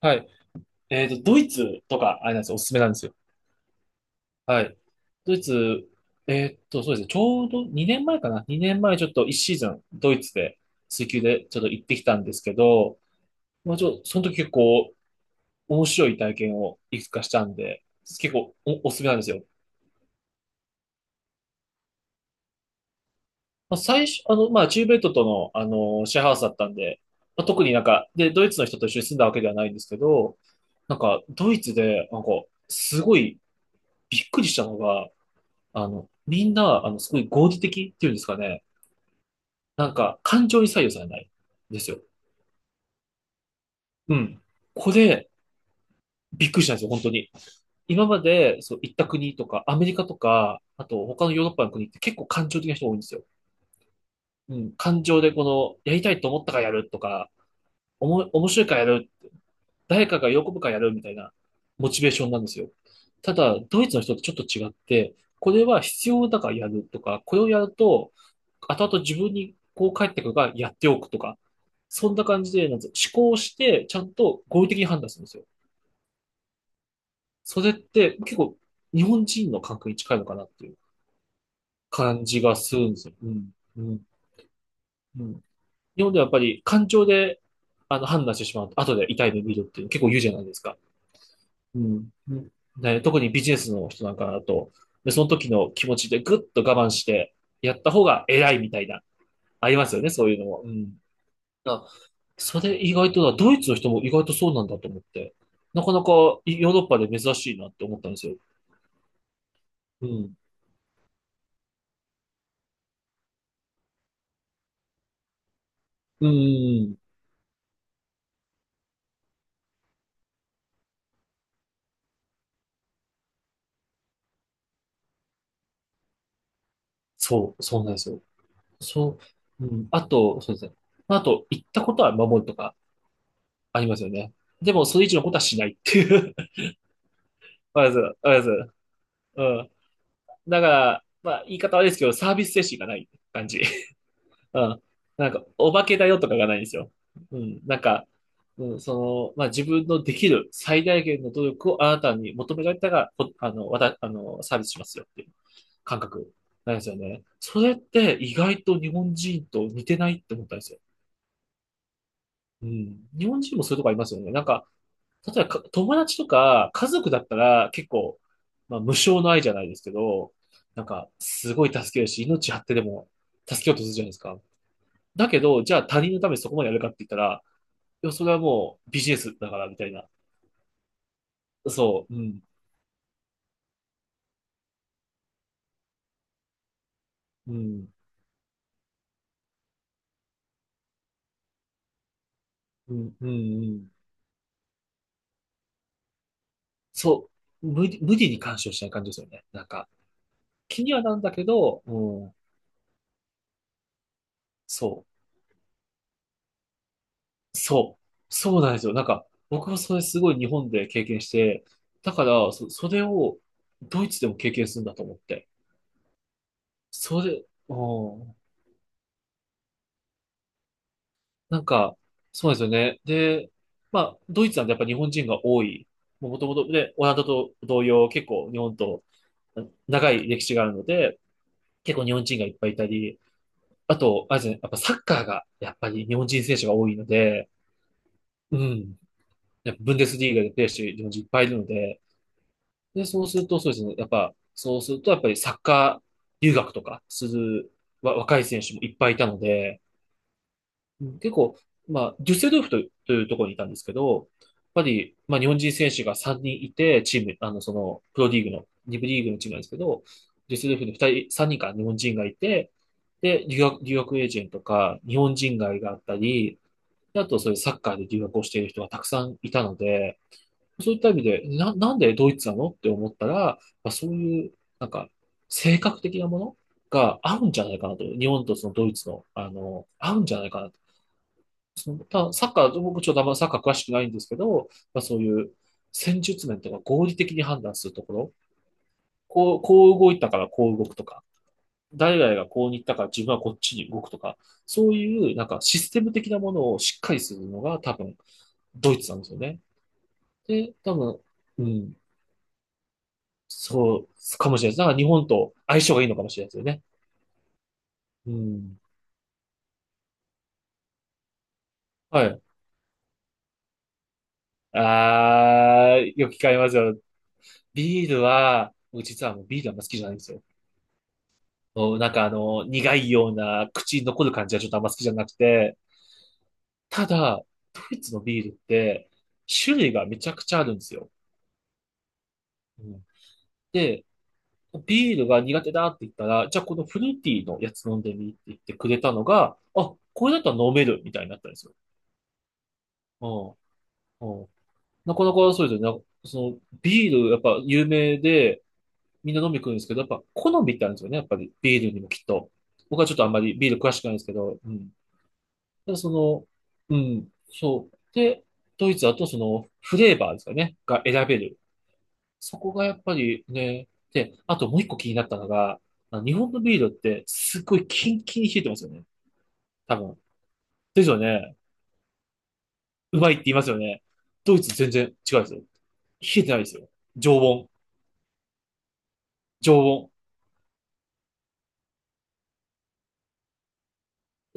はい。ドイツとか、あれなんですよ。おすすめなんですよ。はい。ドイツ、そうですね。ちょうど2年前かな。2年前、ちょっと1シーズン、ドイツで、水球でちょっと行ってきたんですけど、まあ、その時、結構面白い体験をいくつかしたんで、結構おすすめなんですよ。まあ、最初、まあ、チューベ米トとの、シェアハウスだったんで、まあ、特になんか、で、ドイツの人と一緒に住んだわけではないんですけど、なんか、ドイツで、なんか、すごいびっくりしたのが、みんな、すごい合理的っていうんですかね。なんか、感情に左右されないんですよ。うん。これ、びっくりしたんですよ、本当に。今まで、そう、行った国とか、アメリカとか、あと、他のヨーロッパの国って結構感情的な人が多いんですよ。うん。感情で、この、やりたいと思ったからやるとか、面白いからやる、誰かが喜ぶからやるみたいなモチベーションなんですよ。ただ、ドイツの人とちょっと違って、これは必要だからやるとか、これをやると、後々自分にこう返ってくるからやっておくとか、そんな感じで、なんつう思考して、ちゃんと合理的に判断するんですよ。それって結構日本人の感覚に近いのかなっていう感じがするんですよ。うん。うん。うん。日本ではやっぱり感情で判断してしまうと、後で痛い目見るっていうの結構言うじゃないですか。うん。ね、特にビジネスの人なんかだと、で、その時の気持ちでぐっと我慢して、やった方が偉いみたいな、ありますよね、そういうのも。うん。あ、それ意外と、ドイツの人も意外とそうなんだと思って、なかなかヨーロッパで珍しいなって思ったんですよ。うん。うんうん、そうなんですよ。そう、うん。あと、そうですね。あと、行ったことは守るとかありますよね。でも、それ以上のことはしないっていう。ありがとうございます。ありがとうございます。うん。だから、まあ、言い方悪いですけど、サービス精神がない感じ。うん。なんか、お化けだよとかがないんですよ。うん。なんか、うん、その、まあ、自分のできる最大限の努力をあなたに求められたが、こあの、わた、あの、サービスしますよっていう感覚なんですよね。それって意外と日本人と似てないって思ったんですよ。うん。日本人もそういうとこありますよね。なんか、例えば友達とか家族だったら結構、まあ、無償の愛じゃないですけど、なんかすごい助けるし、命張ってでも助けようとするじゃないですか。だけど、じゃあ他人のためにそこまでやるかって言ったら、いや、それはもうビジネスだからみたいな。そう、うん、うん、うん、うん、うん。そう、無理に干渉しない感じですよね。なんか、気にはなんだけど、うん、そう。そう。そうなんですよ。なんか、僕もそれすごい日本で経験して、だから、それをドイツでも経験するんだと思って。それ、うん。なんか、そうなんですよね。で、まあ、ドイツなんてやっぱ日本人が多い。もともと、で、オランダと同様、結構日本と長い歴史があるので、結構日本人がいっぱいいたり、あと、あれですね、やっぱサッカーがやっぱり日本人選手が多いので、うん。やっぱブンデスリーガでプレーしてる日本人いっぱいいるので、で、そうすると、そうですね。やっぱ、そうすると、やっぱりサッカー留学とかする若い選手もいっぱいいたので、うん、結構、まあ、デュッセルドルフという、というところにいたんですけど、やっぱり、まあ、日本人選手が3人いて、チーム、あの、その、プロリーグの、リ部リーグのチームなんですけど、デュッセルドルフに2人、3人か日本人がいて、で、留学エージェントとか、日本人街があったり、であと、そういうサッカーで留学をしている人がたくさんいたので、そういった意味で、なんでドイツなのって思ったら、まあ、そういう、なんか、性格的なものが合うんじゃないかなと。日本とそのドイツの、あの、合うんじゃないかなと。その、ただサッカー、僕ちょっとあんまサッカー詳しくないんですけど、まあ、そういう戦術面とか合理的に判断するところ、こう、こう動いたからこう動くとか、誰々がこうに行ったから自分はこっちに動くとか、そういうなんかシステム的なものをしっかりするのが多分ドイツなんですよね。で、多分、うん。そう、かもしれないです。だから日本と相性がいいのかもしれないですよね。うん。はい。あー、よく聞かれますよ。ビールは、僕実はもうビールあんま好きじゃないんですよ。もうなんかあの、苦いような口に残る感じはちょっとあんま好きじゃなくて、ただ、ドイツのビールって、種類がめちゃくちゃあるんですよ。うん、で、ビールが苦手だって言ったら、じゃあこのフルーティーのやつ飲んでみって言ってくれたのが、あ、これだったら飲めるみたいになったんですよ。うん。なかなかそうですよね。その、ビール、やっぱ有名で、みんな飲み来るんですけど、やっぱ好みってあるんですよね。やっぱりビールにもきっと。僕はちょっとあんまりビール詳しくないんですけど、うん。ただその、うん、そう。で、ドイツだとその、フレーバーですかね、が選べる。そこがやっぱりね、で、あともう一個気になったのが、あの日本のビールってすごいキンキンに冷えてますよね。多分。ですよね。うまいって言いますよね。ドイツ全然違うんですよ。冷えてないですよ。常温。常温。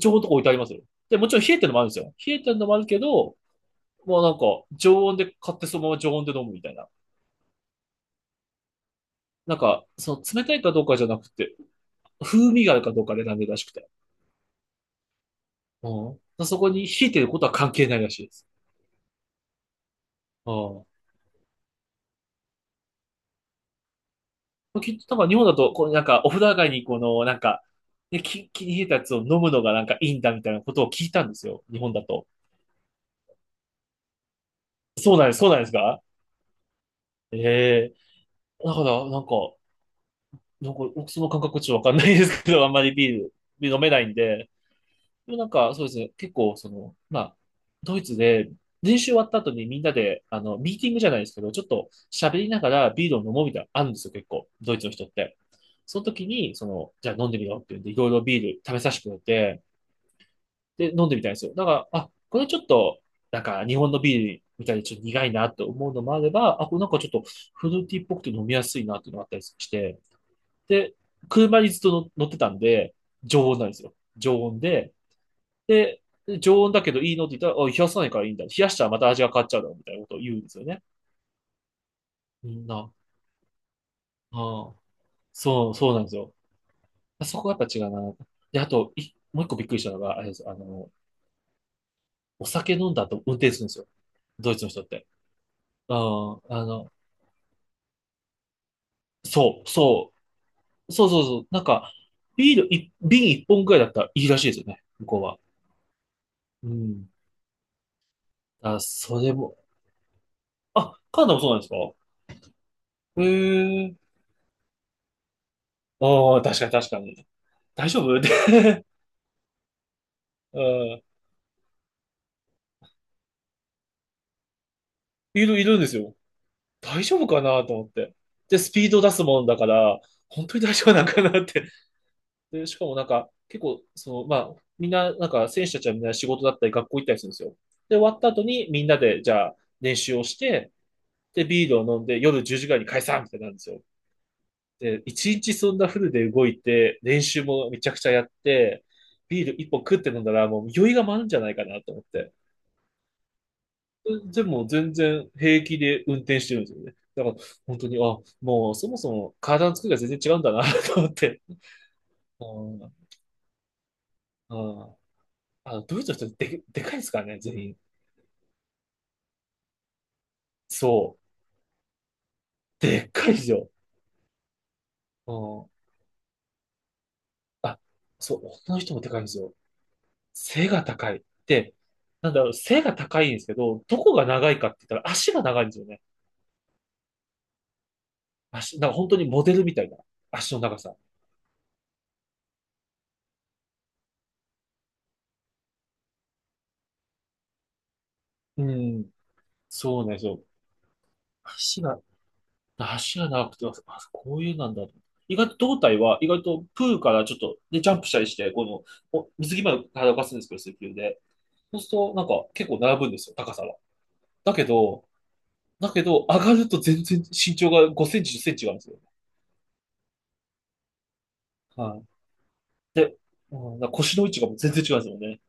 常温とか置いてありますよ。で、もちろん冷えてるのもあるんですよ。冷えてるのもあるけど、もうなんか、常温で買ってそのまま常温で飲むみたいな。なんか、その冷たいかどうかじゃなくて、風味があるかどうかで選んでるらしくて。うん。そこに冷えてることは関係ないらしいです。うん。きっとなんか日本だと、こうなんか、お風呂上がりにこの、なんか、ね、気に冷えたやつを飲むのがなんかいいんだみたいなことを聞いたんですよ。日本だと。そうなんです、そうなんですか？ええ。だから、なんか、僕その感覚ちょっとわかんないですけど、あんまりビール飲めないんで、でもなんか、そうですね。結構、その、まあ、ドイツで、練習終わった後にみんなで、あの、ミーティングじゃないですけど、ちょっと喋りながらビールを飲もうみたいなのあるんですよ、結構。ドイツの人って。その時に、その、じゃあ飲んでみようって言うんで、いろいろビール食べさせてくれて、で、飲んでみたいんですよ。だから、あ、これちょっと、なんか日本のビールみたいにちょっと苦いなと思うのもあれば、あ、これなんかちょっとフルーティーっぽくて飲みやすいなっていうのがあったりして、で、車にずっと乗ってたんで、常温なんですよ。常温で、で、常温だけどいいのって言ったら、あ、冷やさないからいいんだ。冷やしたらまた味が変わっちゃうだろうみたいなことを言うんですよね。みんな。ああ、そうなんですよ。そこがやっぱ違うな。で、あと、い、もう一個びっくりしたのが、あれです。あの、お酒飲んだ後運転するんですよ。ドイツの人って。うん、あの、そうそうそうそうそう。なんか、ビールい、瓶一本くらいだったらいいらしいですよね。向こうは。うん。あ、それも、あ、カナダもそうなんですか？へえ。ああ、確かに確かに。大丈夫って。 うん。いる、いるんですよ。大丈夫かなと思って。で、スピード出すもんだから、本当に大丈夫なんかなって。で、しかもなんか、結構、その、まあ、みんな、なんか、選手たちはみんな仕事だったり、学校行ったりするんですよ。で、終わった後に、みんなで、じゃあ、練習をして、で、ビールを飲んで、夜10時ぐらいに解散みたいになるんですよ。で、一日そんなフルで動いて、練習もめちゃくちゃやって、ビール一本食って飲んだら、もう酔いが回るんじゃないかなと思って。でも全然平気で運転してるんですよね。だから本当に、あ、もうそもそも体の作りが全然違うんだな と思って。うん。あ、ドイツの人で、でかいですからね、全員。そう。でっかいですよ。うん。あ、そう、女の人もでかいんですよ。背が高い。で、なんだろう、背が高いんですけど、どこが長いかって言ったら足が長いんですよね。足、なんか本当にモデルみたいな足の長さ。うん。そうなんですよ。足が足が長くて、あ、こういうなんだと。意外と胴体は、意外とプールからちょっと、で、ジャンプしたりして、この、お水着まで体を動かすんですけど、水球で。そうすると、なんか、結構並ぶんですよ、高さは。だけど、だけど、上がると全然身長が5センチ、10センチ違うんですよ。はい。で、うんだから腰の位置がもう全然違うんですよね。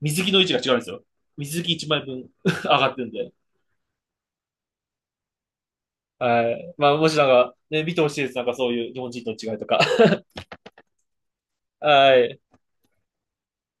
水着の位置が違うんですよ。水着1枚分 上がってるんで。はい。まあ、もしなんか、ね、見てほしいです。なんかそういう日本人との違いとか。はい。